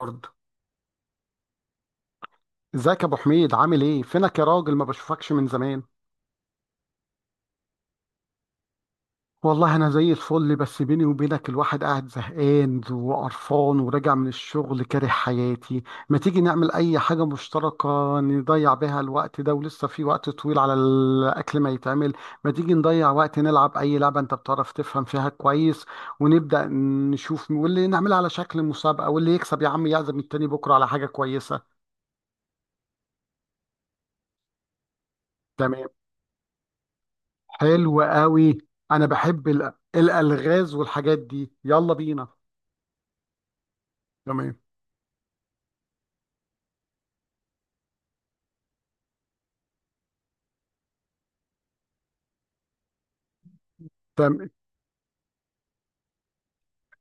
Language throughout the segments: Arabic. برضه. ازيك يا ابو حميد، عامل ايه، فينك يا راجل، ما بشوفكش من زمان. والله انا زي الفل. بس بيني وبينك، الواحد قاعد زهقان وقرفان وراجع من الشغل كاره حياتي. ما تيجي نعمل اي حاجه مشتركه نضيع بيها الوقت ده، ولسه في وقت طويل على الاكل ما يتعمل. ما تيجي نضيع وقت نلعب اي لعبه انت بتعرف تفهم فيها كويس، ونبدا نشوف، واللي نعملها على شكل مسابقه، واللي يكسب يا عم يعزم التاني بكره على حاجه كويسه. تمام. حلو قوي. انا بحب الالغاز والحاجات دي. يلا بينا. تمام. تمام.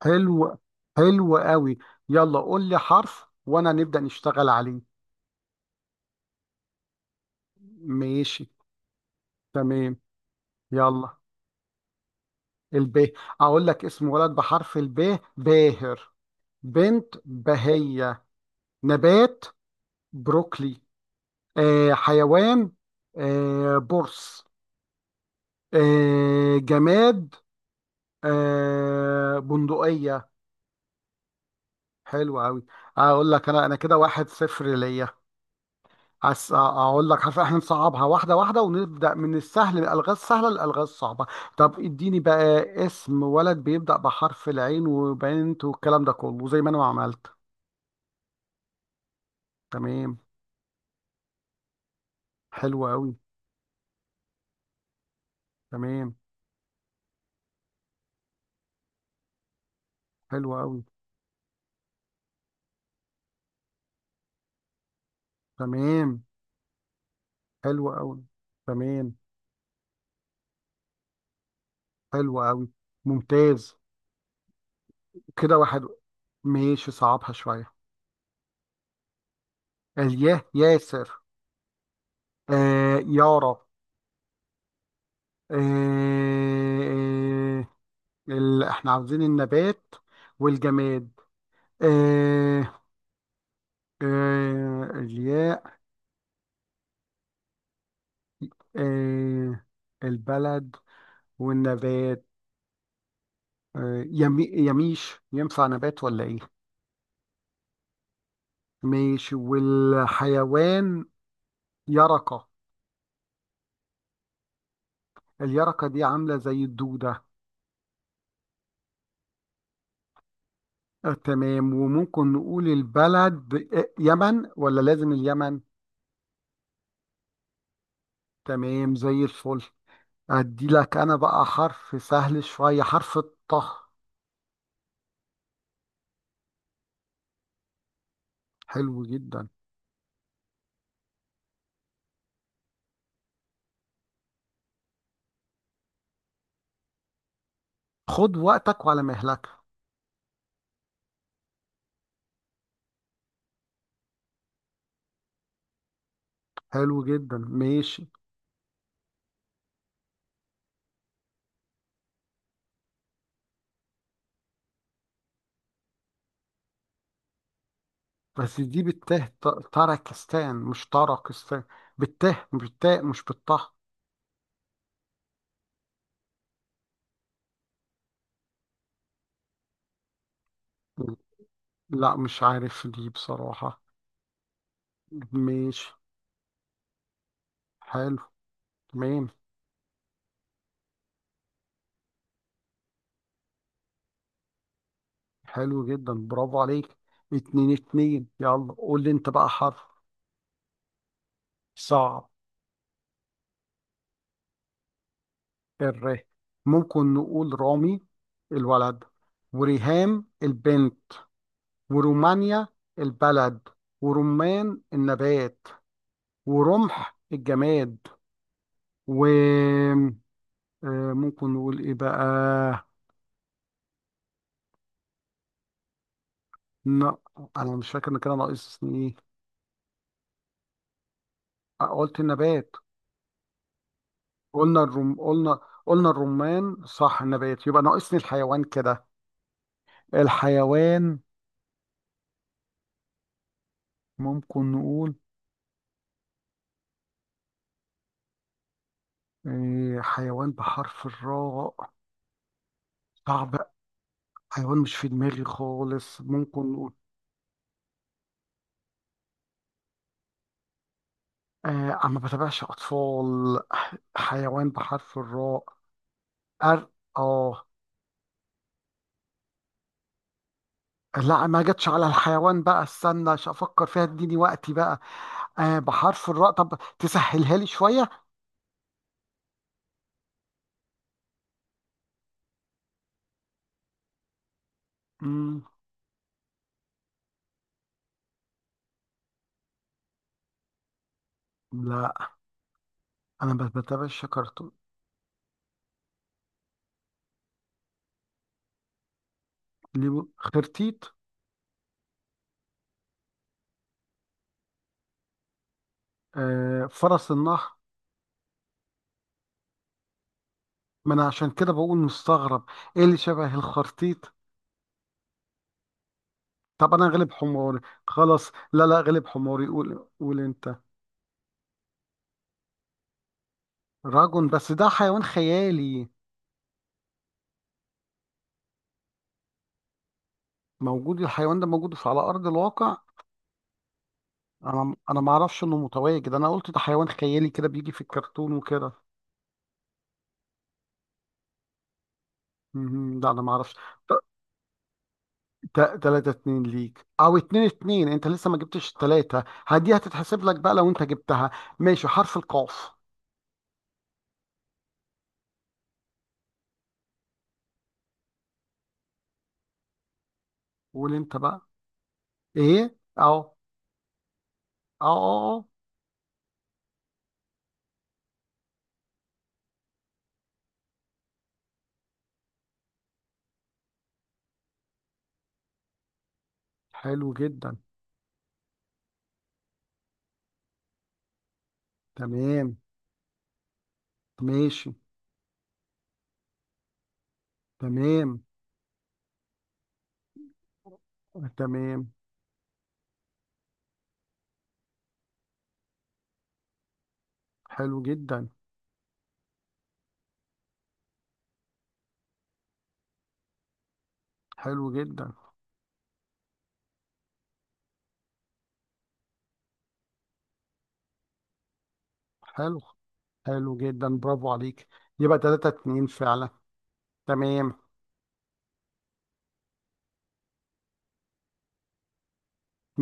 حلو. حلو قوي. يلا قول لي حرف وانا نبدأ نشتغل عليه. ماشي. تمام. يلا. الب. اقول لك اسم ولد بحرف الب: باهر. بنت: بهية. نبات: بروكلي. حيوان: برص. جماد: بندقية. حلو قوي. اقول لك انا كده واحد صفر ليا. اقول لك، عارف، احنا نصعبها واحده واحده، ونبدا من السهل، الالغاز السهله للالغاز الصعبه. طب اديني بقى اسم ولد بيبدا بحرف العين، وبنت، والكلام ده كله زي ما انا ما عملت. تمام. حلو قوي. تمام. حلو قوي. تمام. حلو قوي. تمام. حلو قوي. ممتاز. كده واحد. ماشي، صعبها شويه. الياه. ياسر. يارا. آه، آه، احنا عاوزين النبات والجماد. آه، الياء. آه، البلد والنبات. يمي، يميش ينفع نبات ولا ايه؟ ماشي. والحيوان: يرقة. اليرقة دي عاملة زي الدودة. تمام. وممكن نقول البلد يمن ولا لازم اليمن؟ تمام، زي الفل. ادي لك انا بقى حرف سهل شوية: حرف الطه. حلو جدا. خد وقتك وعلى مهلك. حلو جدا. ماشي. بس دي بالته، تركستان مش طرقستان. بالته، مش بالتاء، مش بالطه. لا، مش عارف دي بصراحة. ماشي. حلو. تمام. حلو جدا، برافو عليك. اتنين اتنين. يلا قول لي انت بقى حرف. صعب. الر. ممكن نقول رامي الولد، وريهام البنت، ورومانيا البلد، ورمان النبات، ورمح الجماد، و ممكن نقول ايه بقى. لا، انا مش فاكر ان كده ناقصني ايه. قلت النبات. قلنا قلنا الرمان، صح. النبات يبقى ناقصني الحيوان كده. الحيوان، ممكن نقول حيوان بحرف الراء. صعب. حيوان مش في دماغي خالص. ممكن آه انا ما بتابعش اطفال. حيوان بحرف الراء. أر... اه. لا، ما جاتش على الحيوان بقى، استنى عشان افكر فيها، اديني وقتي بقى. بحرف الراء، طب تسهلها لي شويه. مم. لا، انا ما بتابعش كرتون. ليه؟ خرتيت. فرس النهر. ما انا عشان كده بقول مستغرب. ايه اللي شبه الخرتيت؟ طب انا غلب حماري. خلاص، لا لا، غلب حماري، قول قول انت. راجل، بس ده حيوان خيالي. موجود؟ الحيوان ده موجود بس على ارض الواقع؟ انا ما اعرفش انه متواجد. انا قلت ده حيوان خيالي كده بيجي في الكرتون وكده. مهم. لا، انا ما اعرفش. تلاتة اتنين ليك، او اتنين اتنين. انت لسه ما جبتش التلاتة، هدي هتتحسب لك بقى لو انت جبتها. ماشي. حرف القاف. قول انت بقى. ايه؟ اهو. اه. اه. اه. حلو جدا. تمام. ماشي. تمام. تمام. حلو جدا. حلو جدا. حلو. حلو جدا، برافو عليك. يبقى 3-2 فعلا. تمام.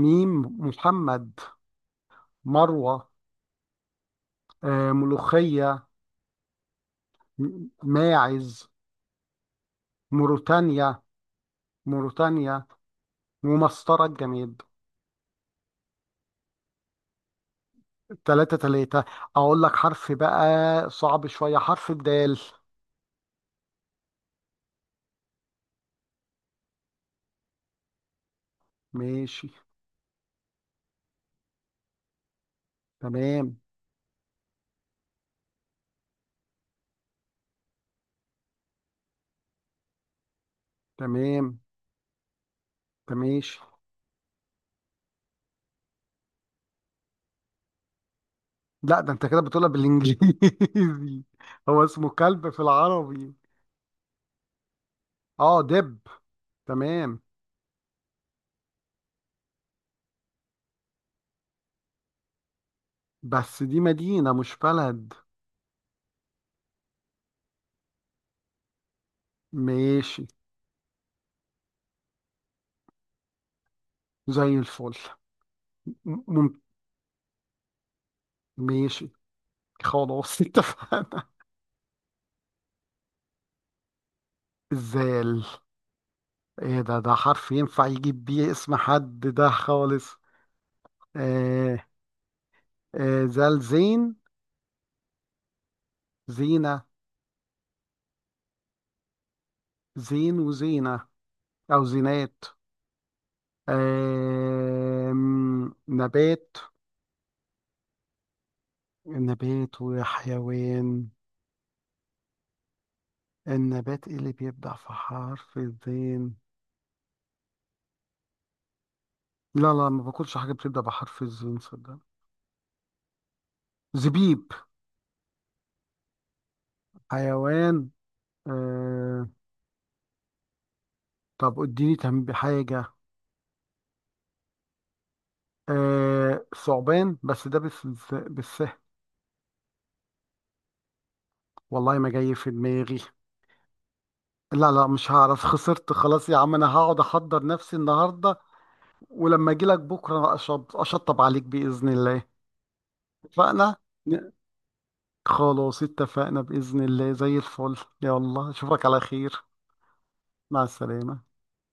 ميم. محمد. مروة. ملوخية. ماعز. موريتانيا. موريتانيا. ومسطرة الجماد. 3-3. أقول لك حرف بقى صعب شوية: حرف الدال. ماشي. تمام. تمام. تماشي. لا، ده انت كده بتقولها بالانجليزي هو اسمه كلب في العربي. اه. دب. تمام. بس دي مدينة مش بلد. ماشي، زي الفل. م- مم... ماشي. خلاص اتفقنا. الزال. ايه ده حرف ينفع يجيب بيه اسم حد ده خالص؟ آه زال. زين. زينة. زين وزينة، أو زينات. آه نبات. نبات وحيوان. النبات ايه اللي بيبدأ في حرف الزين؟ لا لا، ما باكلش حاجة بتبدأ بحرف الزين صدق. زبيب. حيوان. آه طب اديني تنبيه حاجة. ثعبان. بس ده بالسهل. والله ما جاي في دماغي. لا لا، مش هعرف. خسرت خلاص يا عم، انا هقعد احضر نفسي النهارده. ولما اجي لك بكره اشطب عليك باذن الله. اتفقنا. ن- خلاص اتفقنا باذن الله، زي الفل. يلا، اشوفك على خير. مع السلامه.